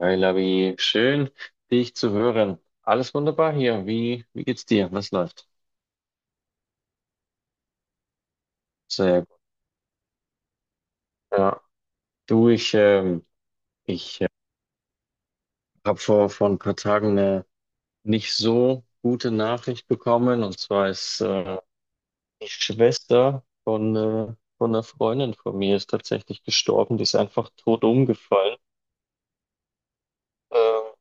Hi Labi, schön, dich zu hören. Alles wunderbar hier. Wie geht's dir? Was läuft? Sehr gut. Ja. Du, ich habe vor ein paar Tagen eine nicht so gute Nachricht bekommen. Und zwar ist die Schwester von einer Freundin von mir ist tatsächlich gestorben. Die ist einfach tot umgefallen. Ähm,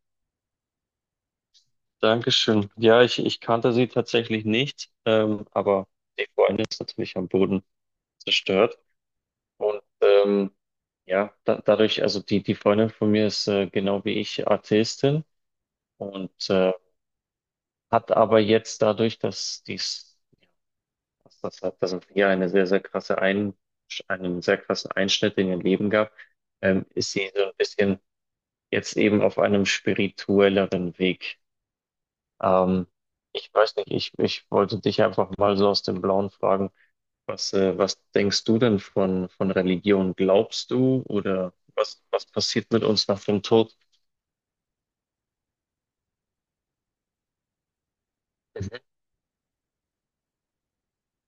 Dankeschön. Ja, ich kannte sie tatsächlich nicht, aber die Freundin ist natürlich am Boden zerstört. Und ähm, ja, dadurch, also die Freundin von mir ist genau wie ich Atheistin und hat aber jetzt dadurch, dass dies, dass das halt, dass es hier eine sehr, sehr krasse einen sehr krassen Einschnitt in ihr Leben gab, ist sie so ein bisschen jetzt eben auf einem spirituelleren Weg. Ähm, ich weiß nicht, ich wollte dich einfach mal so aus dem Blauen fragen. Was denkst du denn von Religion? Glaubst du oder was passiert mit uns nach dem Tod? Mhm.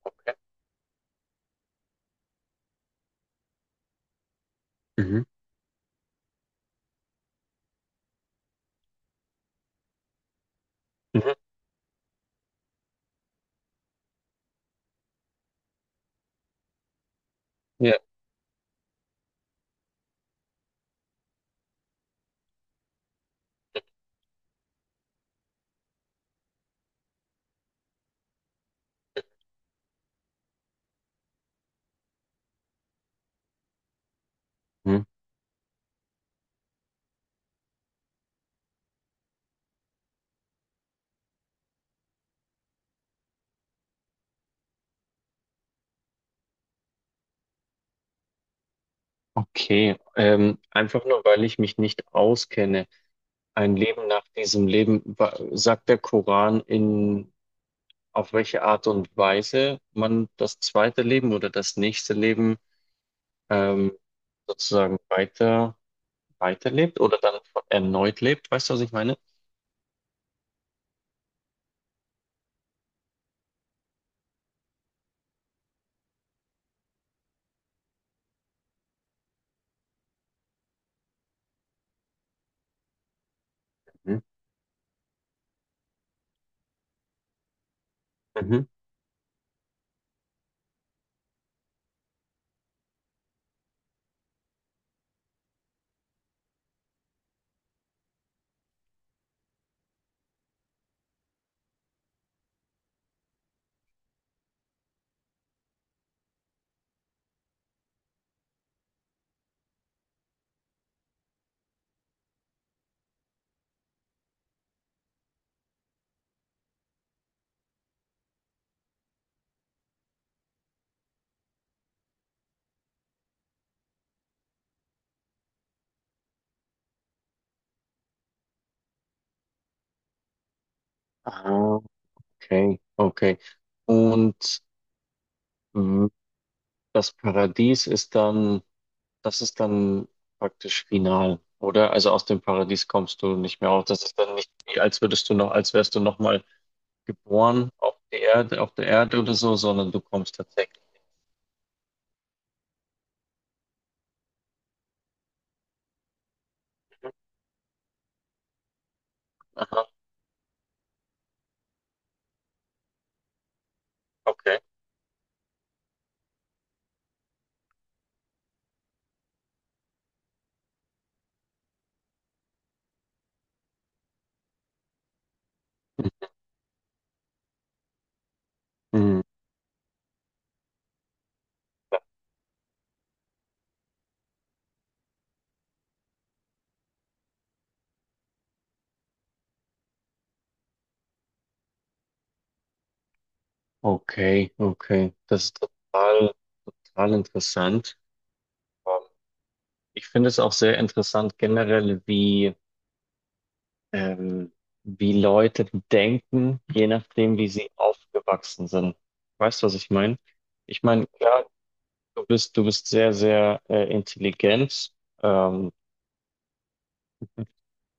Okay. Mhm. Mhm. Ja. Mhm. Okay. Einfach nur, weil ich mich nicht auskenne. Ein Leben nach diesem Leben, sagt der Koran, auf welche Art und Weise man das zweite Leben oder das nächste Leben ähm, sozusagen weiter, weiterlebt oder dann erneut lebt? Weißt du, was ich meine? Mhm. Mhm. Ah, okay, okay. Und mh, das Paradies ist dann, das ist dann praktisch final, oder? Also aus dem Paradies kommst du nicht mehr raus. Das ist dann nicht wie, als würdest du noch, als wärst du nochmal geboren auf der Erde oder so, sondern du kommst tatsächlich. Aha, okay. Mhm. Okay, okay. Das ist total interessant. Ähm, Ich finde es auch sehr interessant generell, wie ähm, wie Leute denken, je nachdem, wie sie aufgewachsen sind. Weißt du, was ich meine? Ich meine, klar, du bist sehr, sehr intelligent. Ähm,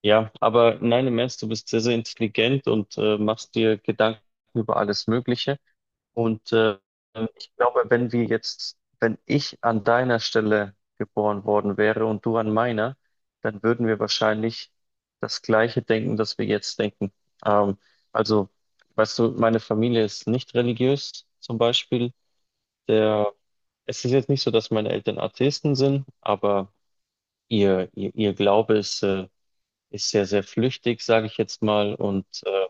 ja, aber nein, im Ernst, du bist sehr, sehr intelligent und machst dir Gedanken über alles Mögliche. Und ich glaube, wenn wir jetzt, wenn ich an deiner Stelle geboren worden wäre und du an meiner, dann würden wir wahrscheinlich das Gleiche denken, das wir jetzt denken. Ähm, also, weißt du, meine Familie ist nicht religiös, zum Beispiel. Der, es ist jetzt nicht so, dass meine Eltern Atheisten sind, aber ihr Glaube ist ist sehr, sehr flüchtig, sage ich jetzt mal. Und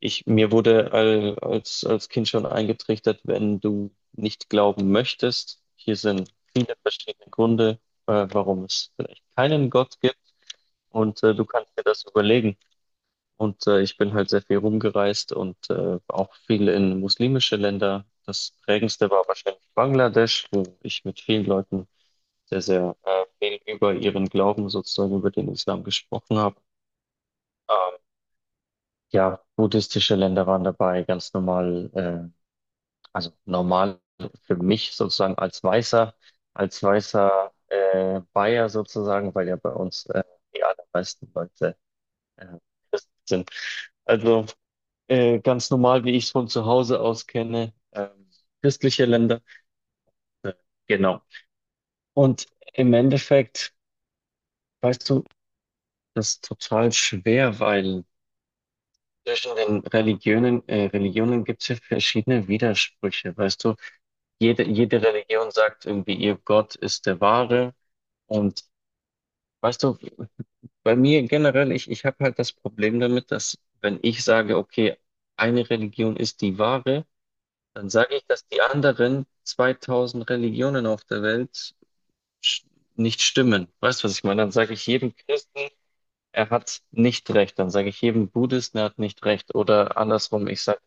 mir wurde als Kind schon eingetrichtert, wenn du nicht glauben möchtest, hier sind viele verschiedene Gründe, warum es vielleicht keinen Gott gibt und du kannst dir das überlegen. Und ich bin halt sehr viel rumgereist und auch viel in muslimische Länder. Das prägendste war wahrscheinlich Bangladesch, wo ich mit vielen Leuten sehr, sehr viel über ihren Glauben sozusagen, über den Islam gesprochen habe. Ähm, ja, buddhistische Länder waren dabei, ganz normal, also normal für mich sozusagen als als weißer Bayer sozusagen, weil ja bei uns die allermeisten Leute äh, sind. Also ganz normal, wie ich es von zu Hause aus kenne, christliche Länder. Äh, genau. Und im Endeffekt, weißt du, das ist total schwer, weil zwischen den Religionen gibt es ja verschiedene Widersprüche. Weißt du, jede Religion sagt irgendwie, ihr Gott ist der wahre. Und weißt du, bei mir generell, ich habe halt das Problem damit, dass wenn ich sage, okay, eine Religion ist die wahre, dann sage ich, dass die anderen 2000 Religionen auf der Welt sch- nicht stimmen. Weißt du, was ich meine? Dann sage ich jedem Christen, er hat nicht recht. Dann sage ich jedem Buddhisten, er hat nicht recht. Oder andersrum, ich sage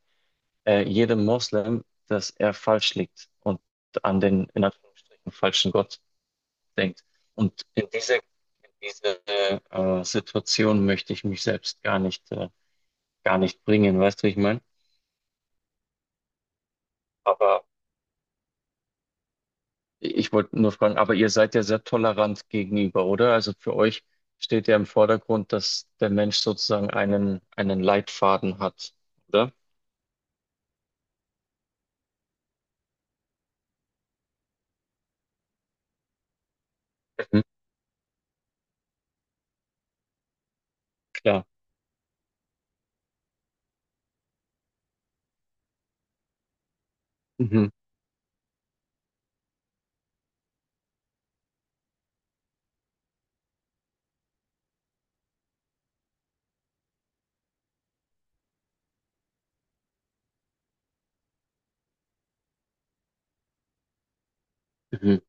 äh, jedem Moslem, dass er falsch liegt und an den, in Anführungsstrichen, falschen Gott denkt. Und in diese Situation möchte ich mich selbst gar nicht bringen, weißt du, wie ich meine? Aber ich wollte nur fragen, aber ihr seid ja sehr tolerant gegenüber, oder? Also für euch steht ja im Vordergrund, dass der Mensch sozusagen einen Leitfaden hat, oder? Mhm, klar. Mhm, mhm,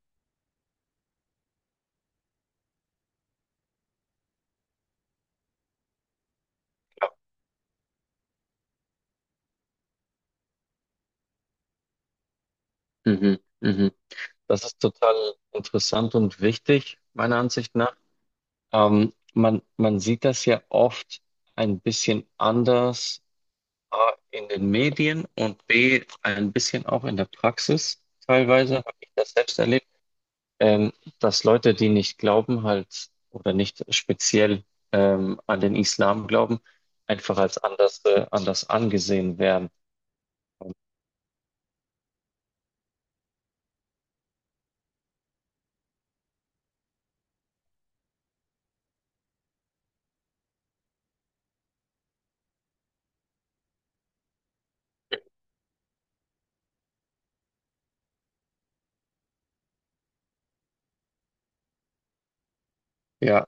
klar. Mhm, mhm. Das ist total interessant und wichtig, meiner Ansicht nach. Man sieht das ja oft ein bisschen anders A, in den Medien und B, ein bisschen auch in der Praxis. Teilweise habe ich das selbst erlebt, ähm, dass Leute, die nicht glauben, halt oder nicht speziell an den Islam glauben, einfach als anders, anders angesehen werden. Ja.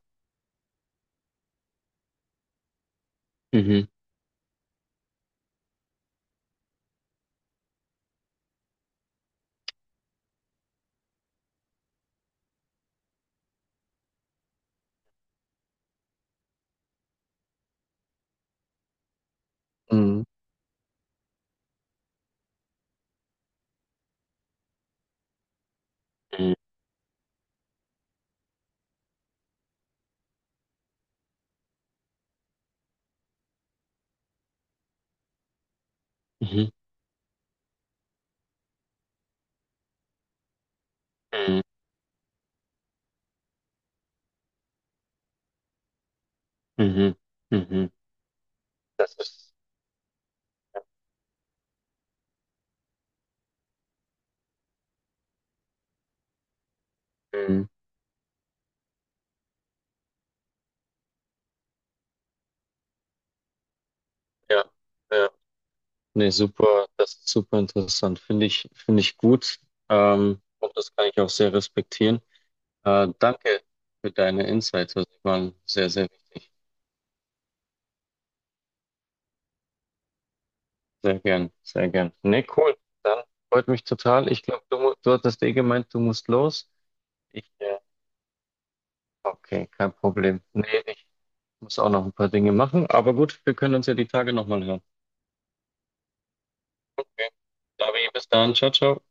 Mhm. Mhm. Mhm. Mhm. Mhm. Mhm. Mhm. Das ist, mhm, ja, ja. Nee, super, das ist super interessant. Finde ich gut. Und das kann ich auch sehr respektieren. Danke für deine Insights. Also, die waren sehr, sehr wichtig. Sehr gern, sehr gern. Nee, cool. Dann freut mich total. Ich glaube, du hattest eh gemeint, du musst los. Ich, äh, okay, kein Problem. Nee, ich muss auch noch ein paar Dinge machen. Aber gut, wir können uns ja die Tage nochmal hören. Okay. Davi, bis dann. Ciao, ciao.